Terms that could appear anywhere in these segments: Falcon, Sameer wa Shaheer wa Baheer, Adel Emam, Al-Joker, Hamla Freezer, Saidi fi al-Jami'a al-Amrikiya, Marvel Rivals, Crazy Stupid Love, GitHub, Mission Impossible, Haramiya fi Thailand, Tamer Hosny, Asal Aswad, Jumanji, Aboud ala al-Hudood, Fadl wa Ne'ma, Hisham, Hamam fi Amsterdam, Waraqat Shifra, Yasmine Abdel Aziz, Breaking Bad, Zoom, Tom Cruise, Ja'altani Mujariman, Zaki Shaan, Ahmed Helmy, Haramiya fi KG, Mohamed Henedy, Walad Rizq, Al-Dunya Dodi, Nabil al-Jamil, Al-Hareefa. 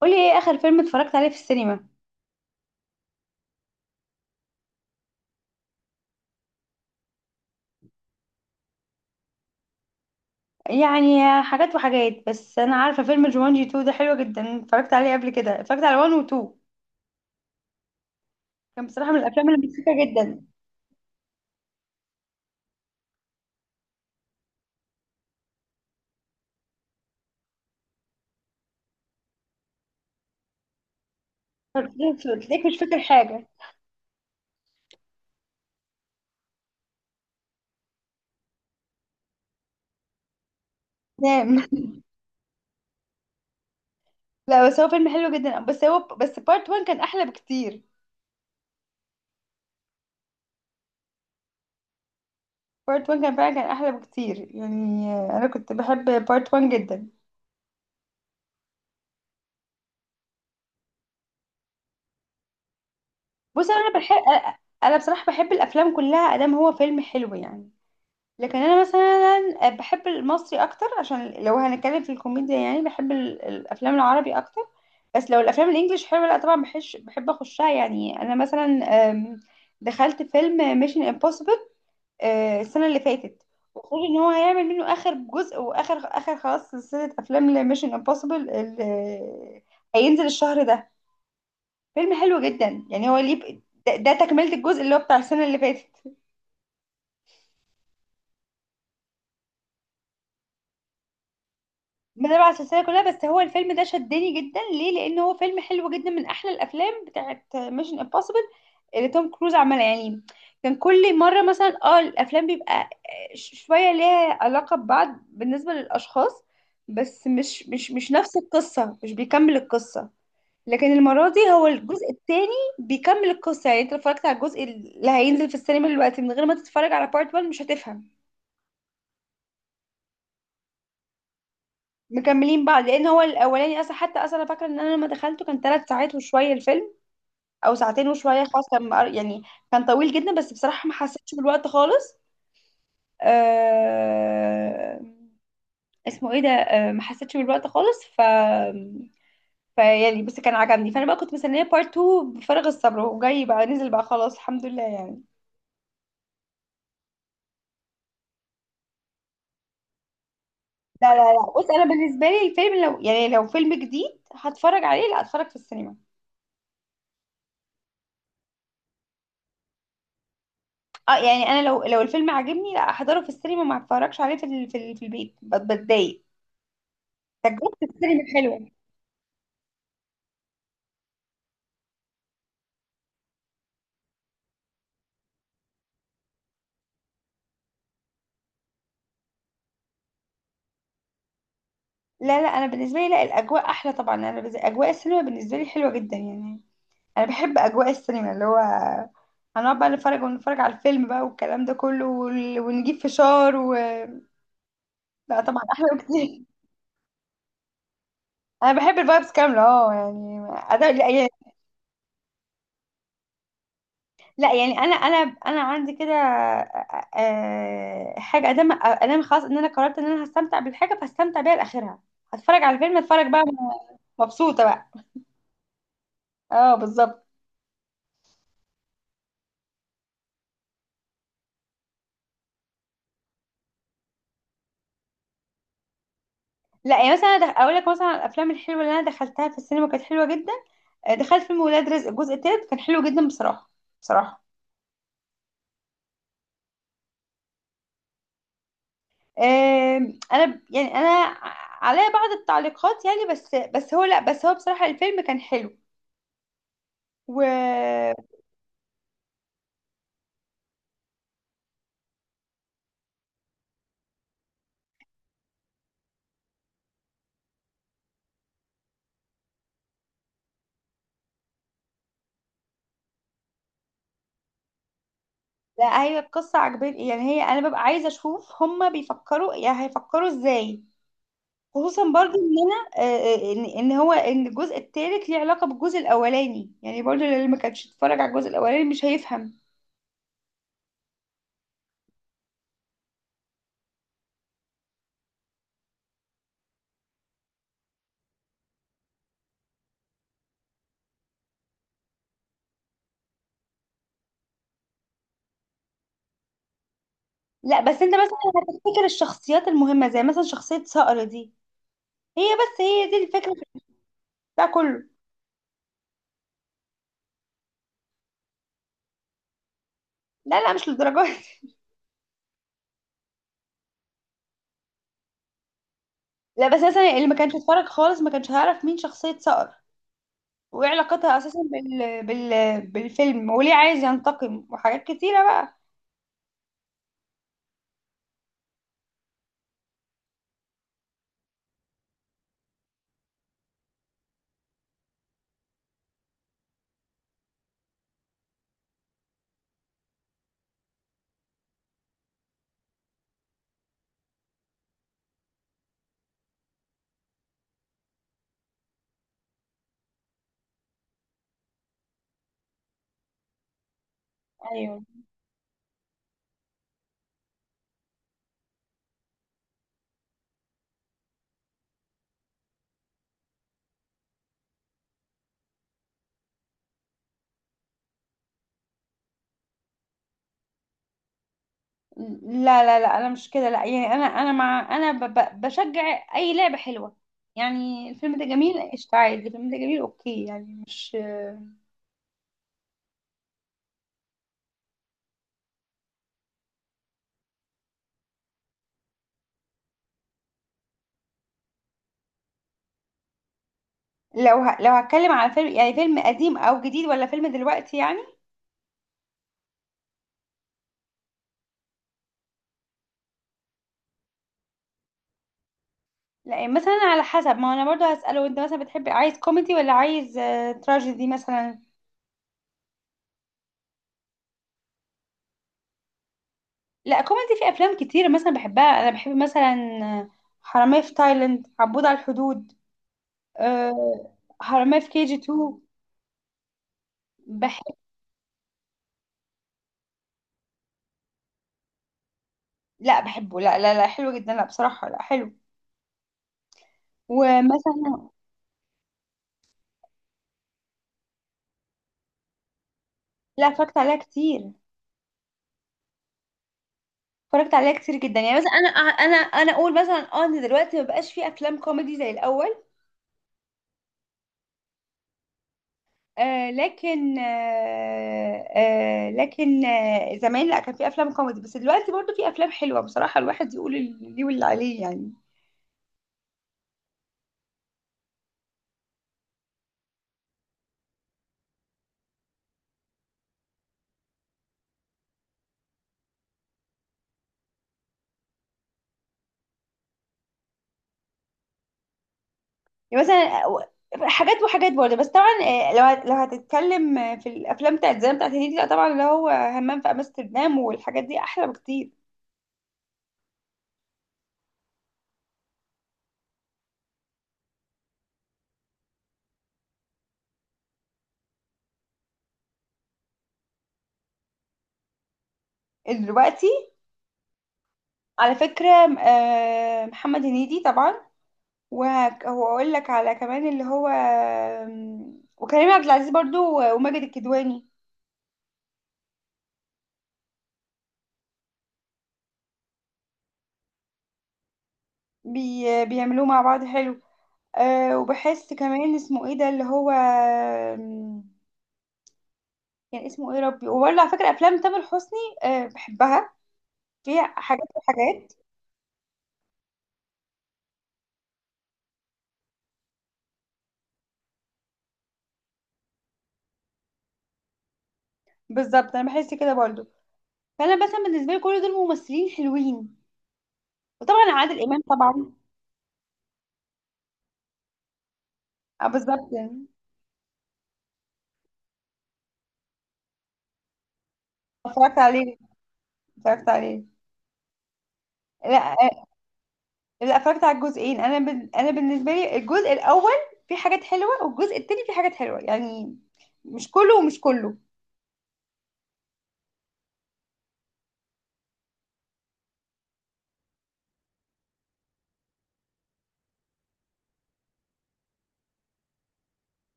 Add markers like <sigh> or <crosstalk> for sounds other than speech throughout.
قولي ايه اخر فيلم اتفرجت عليه في السينما. يعني حاجات وحاجات، بس انا عارفه فيلم جومانجي 2 ده حلو جدا، اتفرجت عليه قبل كده، اتفرجت على 1 و 2. كان بصراحه من الافلام اللي مضحكه جدا. تلاقيك مش فاكر حاجه. نعم. <laughs> لا، بس هو فيلم حلو جدا، بس بارت 1 كان احلى بكتير. بارت 1 كان فعلا احلى بكتير يعني. انا كنت بحب بارت 1 جدا. بص، انا بصراحه بحب الافلام كلها، ادام هو فيلم حلو يعني. لكن انا مثلا بحب المصري اكتر، عشان لو هنتكلم في الكوميديا يعني بحب الافلام العربي اكتر. بس لو الافلام الانجليش حلوه لا طبعا بحب اخشها يعني، انا مثلا. أم، دخلت فيلم ميشن امبوسيبل السنه اللي فاتت. وخد ان هو هيعمل منه اخر جزء واخر خلاص سلسله افلام لميشن امبوسيبل، هينزل الشهر ده. فيلم حلو جدا يعني، هو ليه؟ ده تكمله الجزء اللي هو بتاع السنه اللي فاتت. بتابع السلسله كلها، بس هو الفيلم ده شدني جدا ليه؟ لان هو فيلم حلو جدا، من احلى الافلام بتاعت ميشن امبوسيبل اللي توم كروز عملها يعني. كان كل مره مثلا الافلام بيبقى شويه ليها علاقه ببعض بالنسبه للاشخاص. بس مش نفس القصه، مش بيكمل القصه. لكن المره دي هو الجزء الثاني بيكمل القصه، يعني انت لو اتفرجت على الجزء اللي هينزل في السينما دلوقتي من غير ما تتفرج على بارت 1 مش هتفهم. مكملين بعض، لان هو الاولاني اصلا، حتى اصلا انا فاكره ان انا لما دخلته كان ثلاث ساعات وشويه الفيلم، او ساعتين وشويه، خلاص كان يعني، كان طويل جدا، بس بصراحه ما حسيتش بالوقت خالص. آه... اسمه ايه ده؟ ما حسيتش بالوقت خالص، فيعني، بس كان عجبني، فانا بقى كنت مستنيه بارت 2 بفارغ الصبر، وجاي بقى نزل بقى، خلاص الحمد لله يعني. لا لا لا، بص، انا بالنسبه لي الفيلم لو فيلم جديد هتفرج عليه، لا اتفرج في السينما. اه يعني، انا لو الفيلم عجبني لا احضره في السينما، ما اتفرجش عليه في في البيت، بتضايق. تجربة السينما حلوة. لا لا، انا بالنسبة لي، لا الاجواء احلى طبعا، انا اجواء السينما بالنسبة لي حلوة جدا يعني. انا بحب اجواء السينما، اللي هو هنقعد بقى نتفرج ونتفرج على الفيلم بقى، والكلام ده كله، ونجيب فشار و... لا طبعا، احلى بكتير. <laughs> انا بحب الفايبس كاملة، اه يعني. لا يعني انا انا عندي كده، حاجه ادام خلاص ان انا قررت ان انا هستمتع بالحاجه فهستمتع بيها لاخرها. هتفرج على فيلم اتفرج بقى، مبسوطه بقى. اه بالظبط. لا يعني مثلا، أنا اقول لك مثلا على الافلام الحلوه اللي انا دخلتها في السينما كانت حلوه جدا. دخلت فيلم ولاد رزق الجزء التالت، كان حلو جدا بصراحه. بصراحه. انا يعني انا عليا بعض التعليقات يعني، بس هو لا، بس هو بصراحه الفيلم كان حلو. و لا، هي القصة عجباني، يعني هي أنا ببقى عايزة أشوف هما بيفكروا يعني هيفكروا إزاي. خصوصا برضو إن أنا إن الجزء التالت ليه علاقة بالجزء الأولاني، يعني برضو اللي ما كانش اتفرج على الجزء الأولاني مش هيفهم. لا بس أنت مثلا هتفتكر الشخصيات المهمة، زي مثلا شخصية صقر دي، هي بس هي دي الفكرة في بتاع كله. لا لا، مش للدرجة دي. لا بس مثلا اللي ما كانش اتفرج خالص ما كانش هيعرف مين شخصية صقر، وايه علاقتها اساسا بالفيلم، وليه عايز ينتقم وحاجات كتيرة بقى. ايوه. لا لا لا، انا مش كده، لا يعني انا مع، انا بشجع اي لعبه حلوه. يعني الفيلم ده جميل قشطة عادي، الفيلم ده جميل، اوكي يعني، مش. لو هتكلم على فيلم يعني، فيلم قديم او جديد، ولا فيلم دلوقتي يعني؟ لا يعني مثلا على حسب، ما هو انا برضو هسأله، انت مثلا بتحب عايز كوميدي ولا عايز تراجيدي مثلا؟ لا كوميدي، في افلام كتير مثلا بحبها، انا بحب مثلا. آه، حرامية في تايلاند، عبود على الحدود. آه، حرامية في كي جي 2. لا بحبه، لا لا لا حلو جدا، لا بصراحة لا حلو. ومثلا. لا، اتفرجت عليها كتير. اتفرجت عليها كتير جدا، يعني مثلا انا انا اقول مثلا ان دلوقتي ما بقاش في افلام كوميدي زي الاول. آه لكن آه آه لكن آه زمان لا، كان في افلام كوميدي، بس دلوقتي برضو في افلام حلوة، بصراحة الواحد يقول اللي ليه واللي عليه يعني. يعني مثلا حاجات وحاجات برضه، بس طبعا لو هتتكلم في الافلام بتاعت زمان بتاعت هنيدي، لا طبعا اللي هو همام في امستردام والحاجات دي احلى بكتير. إيه دلوقتي؟ على فكرة، محمد هنيدي طبعا، وهقول لك على كمان اللي هو وكريم عبد العزيز برضو، وماجد الكدواني. بيعملوه مع بعض حلو. وبحس كمان اسمه ايه ده اللي هو، كان اسمه ايه ربي، وبرضه على فكرة افلام تامر حسني. بحبها، فيها حاجات وحاجات. بالظبط، انا بحس كده برضو. فانا مثلا بالنسبة لي كل دول ممثلين حلوين. وطبعا عادل امام طبعا. اه بالظبط يعني. اتفرجت عليه، اتفرجت عليه، لا. لا، اتفرجت على الجزئين، انا انا بالنسبه لي الجزء الاول فيه حاجات حلوه، والجزء التاني فيه حاجات حلوه يعني، مش كله، ومش كله.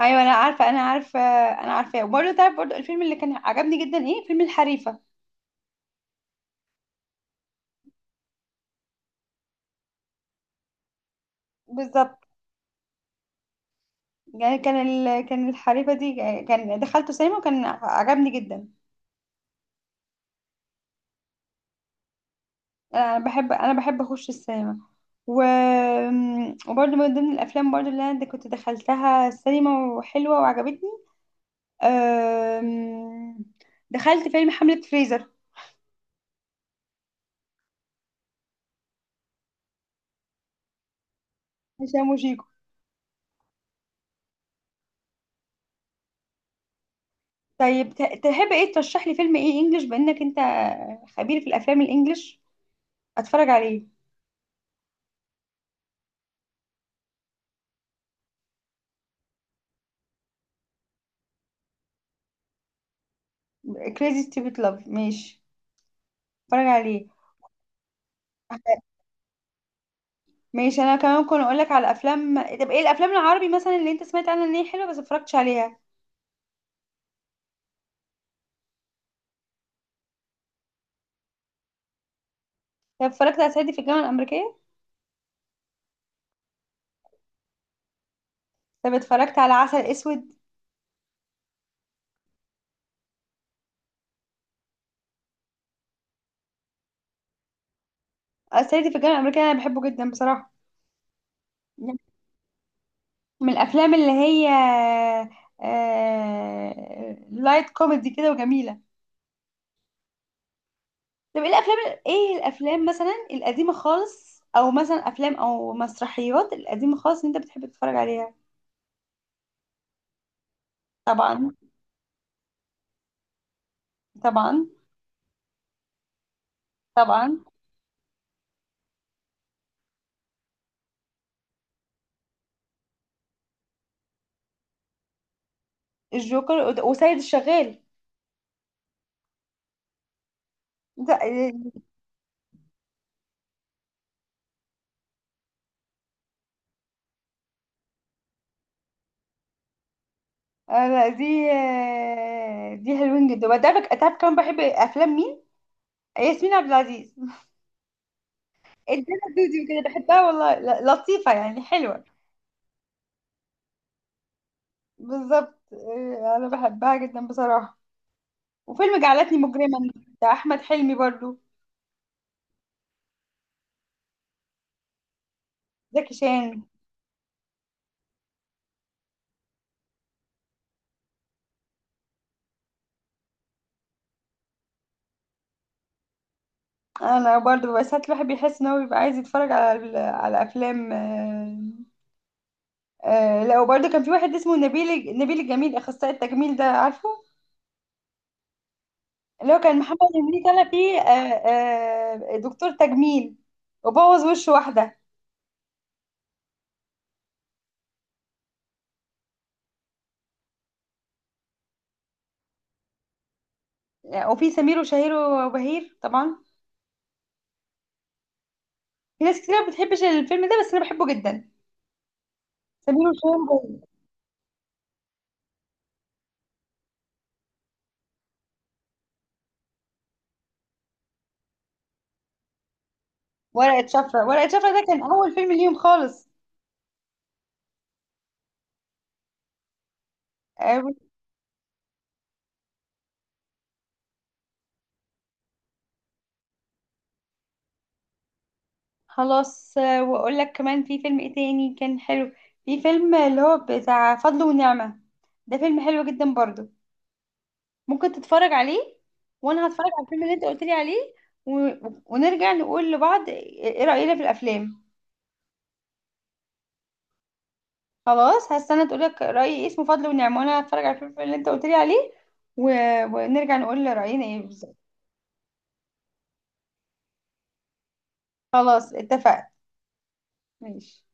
ايوه انا عارفه، انا عارفه، انا عارفاه. وبرده تعرف، برده الفيلم اللي كان عجبني جدا ايه، فيلم الحريفه. بالظبط، يعني كان الحريفه دي كان دخلته سينما وكان عجبني جدا. انا بحب اخش السينما. و... وبرده من ضمن الافلام برده اللي انا كنت دخلتها السينما وحلوه وعجبتني. أم... دخلت فيلم حملة فريزر. هشام وشيكو. طيب تحب ايه ترشح لي فيلم ايه انجلش؟ بانك انت خبير في الافلام الانجليش، اتفرج عليه. كريزي ستيبت لاف، ماشي، اتفرج عليه. ماشي، انا كمان كنت اقول لك على افلام، طب ايه الافلام العربي مثلا اللي انت سمعت عنها ان هي حلوه بس اتفرجتش عليها؟ طب اتفرجت على صعيدي في الجامعه الامريكيه؟ طب اتفرجت على عسل اسود؟ صعيدي في الجامعه الامريكيه انا بحبه جدا بصراحه، من الافلام اللي هي لايت كوميدي كده، وجميله. طب ايه الافلام؟ ايه الافلام مثلا القديمه خالص، او مثلا افلام او مسرحيات القديمه خالص اللي انت بتحب تتفرج عليها؟ طبعا. طبعا. طبعا. الجوكر وسيد الشغال ده. لا، دي حلوين جدا. وده تعرف كمان بحب افلام مين؟ ياسمين عبد العزيز، الدنيا دودي وكده بحبها والله، لطيفه يعني، حلوه. بالظبط، انا بحبها جدا بصراحه. وفيلم جعلتني مجرما بتاع احمد حلمي برضو. زكي شان. انا برضو، بس ساعات الواحد بيحس ان هو بيبقى عايز يتفرج على على افلام. لا، وبرضو كان في واحد اسمه نبيل الجميل اخصائي التجميل ده، عارفه؟ اللي هو كان محمد هنيدي طالع فيه دكتور تجميل، وبوظ وش واحده. وفي سمير وشهير وبهير طبعا، في ناس كتير ما بتحبش الفيلم ده بس انا بحبه جدا. سمير وشهير وبهير. ورقة شفرة، ورقة شفرة ده كان أول فيلم ليهم خالص. آه، خلاص، وأقول لك كمان في فيلم إيه تاني كان حلو، في فيلم اللي هو بتاع فضل ونعمة، ده فيلم حلو جدا برضو، ممكن تتفرج عليه. وأنا هتفرج على الفيلم اللي أنت قلت لي عليه، و... ونرجع نقول لبعض إيه رأينا في الأفلام. خلاص هستنى تقول لك رأيي إيه، اسمه فضل ونعمة، وأنا هتفرج على الفيلم اللي أنت قلت لي عليه، و... ونرجع نقول رأينا إيه بالظبط. خلاص اتفقنا. ماشي.